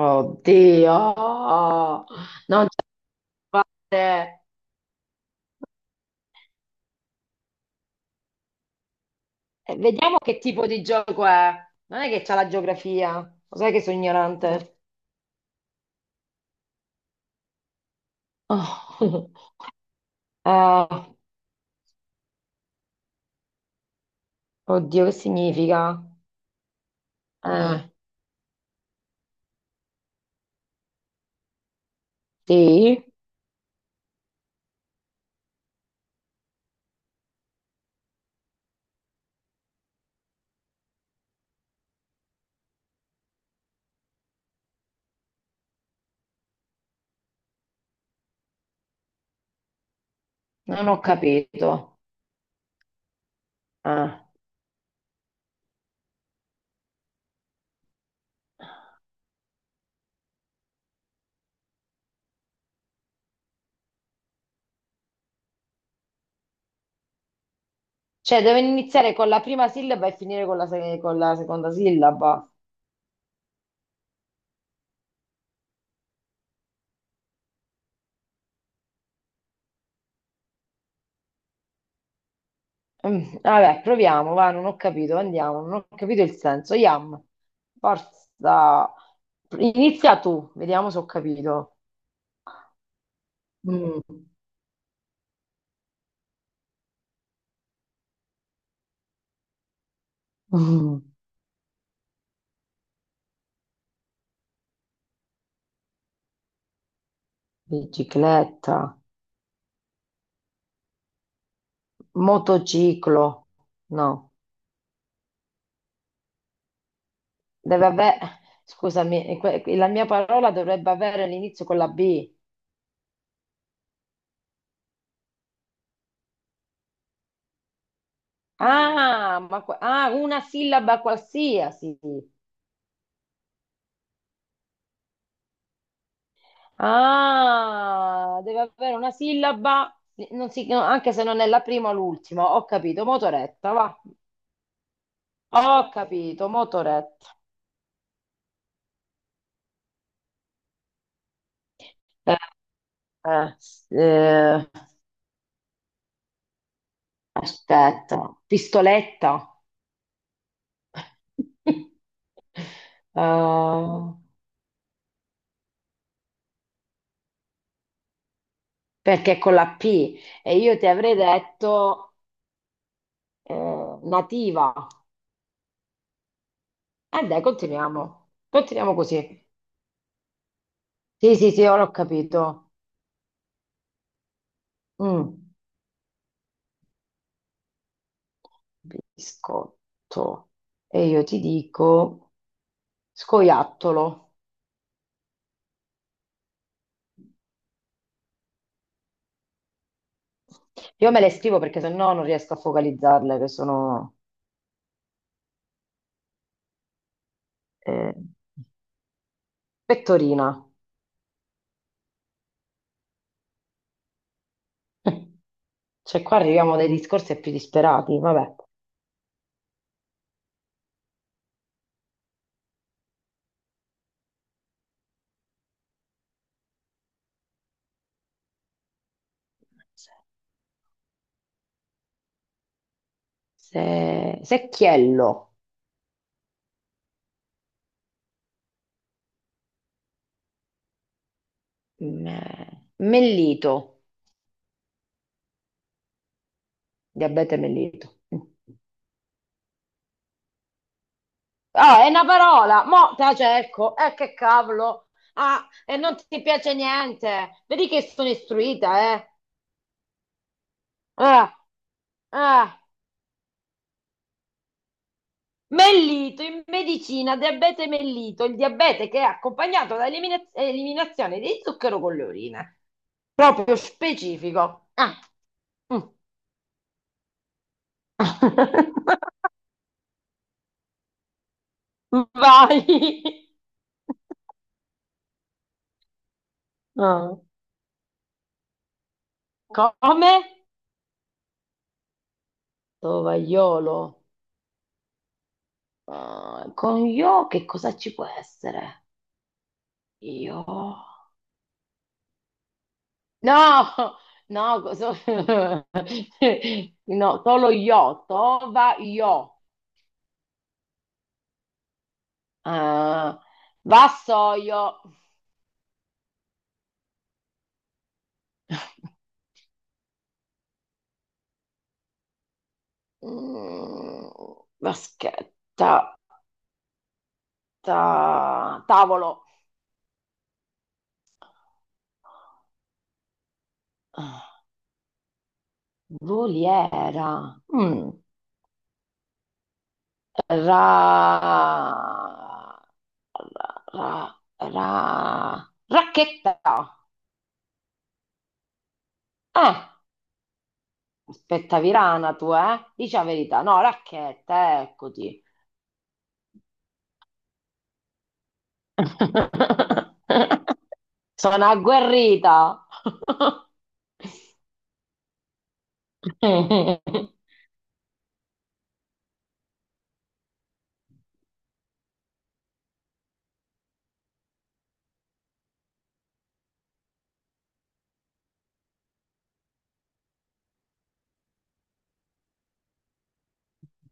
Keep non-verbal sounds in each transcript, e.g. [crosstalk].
Oddio, non ce la fate. Vediamo che tipo di gioco è. Non è che c'ha la geografia, lo sai che sono ignorante. Oh. [laughs] Eh, oddio, che significa? Eh, sì, non ho capito. Eh, Cioè, deve iniziare con la prima sillaba e finire con la, con la seconda sillaba. Vabbè, proviamo, va, non ho capito, andiamo, non ho capito il senso. Yam, forza. Inizia tu, vediamo se ho capito. Mm. Mm, Bicicletta, motociclo, no, deve avere, scusami, la mia parola dovrebbe avere l'inizio con la B. Ah, ma una sillaba qualsiasi. Ah, deve avere una sillaba, non si- no, anche se non è la prima o l'ultima. Ho capito, motoretta, va. Ho capito, motoretta. Eh, eh, eh, aspetta, pistoletta. [laughs] Eh, perché è con la P e io ti avrei detto nativa. Dai, continuiamo. Continuiamo così. Sì, sì, sì, ora ho capito. Mm. Biscotto. E io ti dico scoiattolo. Io me le scrivo perché sennò non riesco a focalizzarle, che sono eh, pettorina. [laughs] Cioè qua arriviamo a dei discorsi più disperati, vabbè. Secchiello. Mellito, diabete mellito. Ah, è una parola, mo te la cerco, che cavolo. Ah, e non ti piace niente. Vedi che sono istruita, eh. Ah, ah. Mellito in medicina, diabete mellito, il diabete che è accompagnato da eliminazione di zucchero con le urine. Proprio specifico. Ah. Mm. [laughs] Vai. Ah. Come? Tovagliolo. Ah, con io che cosa ci può essere? Io? No, no, [laughs] no, solo io, tova io. Eh, vassoio, Mm, Vaschetta, tavolo. Ah, voliera. Ra, ra- ra- Racchetta. Eh, aspetta, Virana, tu, eh? Dici la verità. No, racchetta, eccoti. [laughs] Sono agguerrita. [laughs]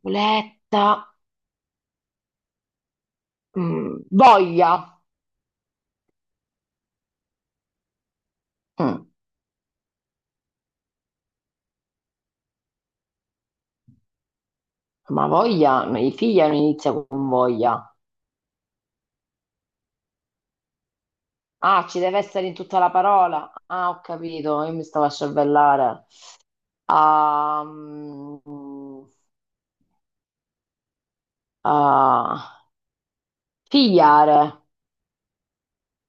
Boletta, voglia. Mm, ma voglia, no, i figli non inizia con voglia. Ah, ci deve essere in tutta la parola. Ah, ho capito, io mi stavo a cervellare. Ah, ah, figliare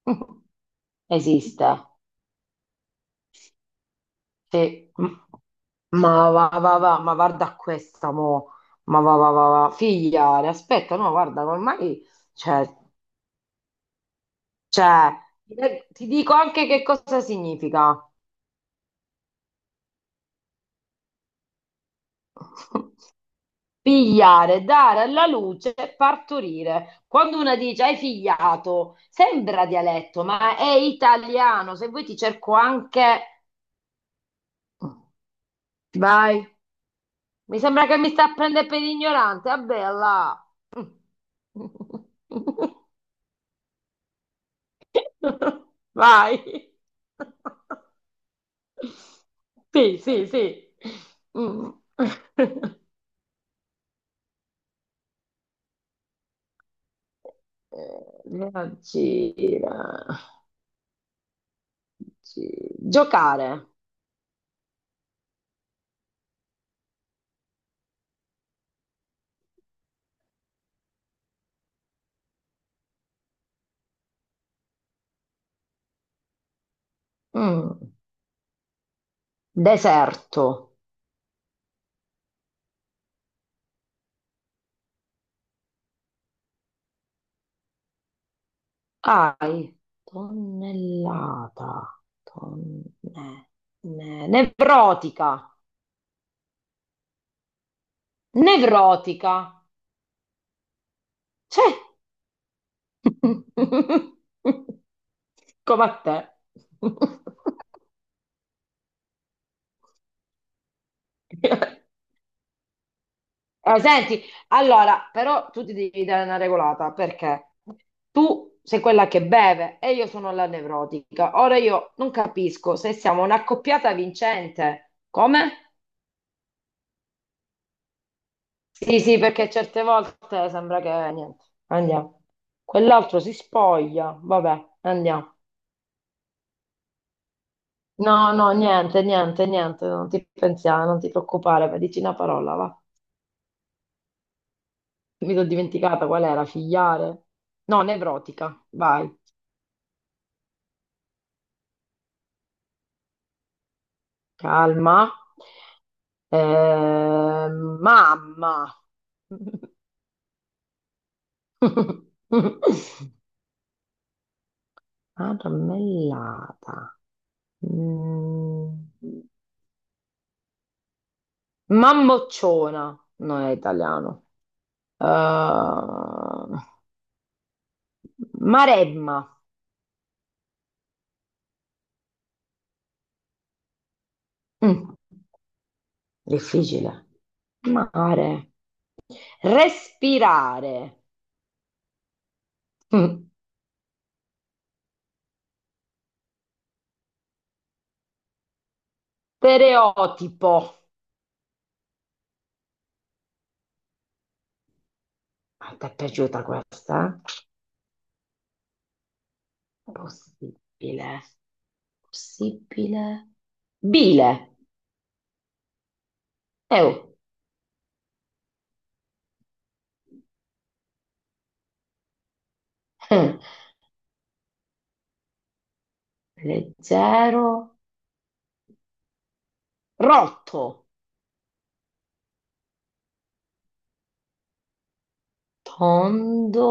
[laughs] esiste. Sì. Mm. Ma va, va, va, ma guarda questa, mo. Ma va, va, va, va. Figliare, aspetta, no, guarda, ormai, cioè, cioè, ti dico anche che cosa significa. Pigliare, dare alla luce, partorire. Quando una dice hai figliato, sembra dialetto, ma è italiano. Se vuoi ti cerco anche... Vai. Mi sembra che mi sta a prendere per ignorante. Vabbè, là. [laughs] Vai. Sì, sì, sì. Mm. [laughs] Reagire. Gi- Giocare. Mm. Deserto. Ai. Tonnellata. Nevrotica. Nevrotica. C'è. [laughs] Come a te. [laughs] Senti, allora, però tu ti devi dare una regolata perché tu sei quella che beve e io sono la nevrotica. Ora io non capisco se siamo un'accoppiata vincente. Come? Sì, sì, perché certe volte sembra che niente, andiamo. Quell'altro si spoglia, vabbè, andiamo. No, no, niente, niente, niente, non ti pensare, non ti preoccupare, vai, dici una parola, va. Mi sono dimenticata qual era, figliare? No, nevrotica, vai, calma. Mamma. [laughs] Marmellata. Mm. Mammocciona, non è italiano. Uh, Maremma. Mm, Difficile. Mare. Respirare. Mm, Stereotipo. A te è piaciuta questa? Eh? Possibile. Possibile. Bile. Oh. Eh. Leggero. Rotto. Tondo.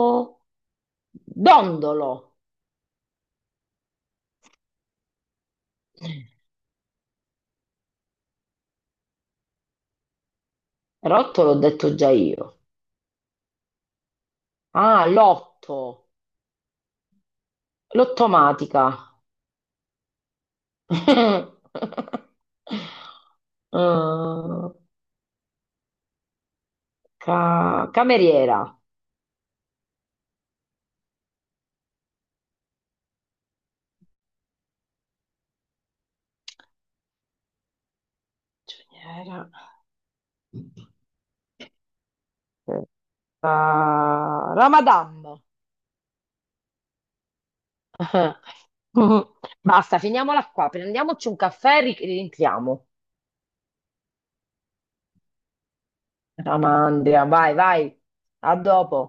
Dondolo. Mm. Rotto l'ho detto già io. Ah, lotto. Lottomatica. [laughs] Eh, Cameriera. Giornaliera. Eh, Ramadan. [laughs] Ah, la Madame. Basta, finiamola qua. Prendiamoci un caffè e rientriamo. Ramandria, vai, vai. A dopo.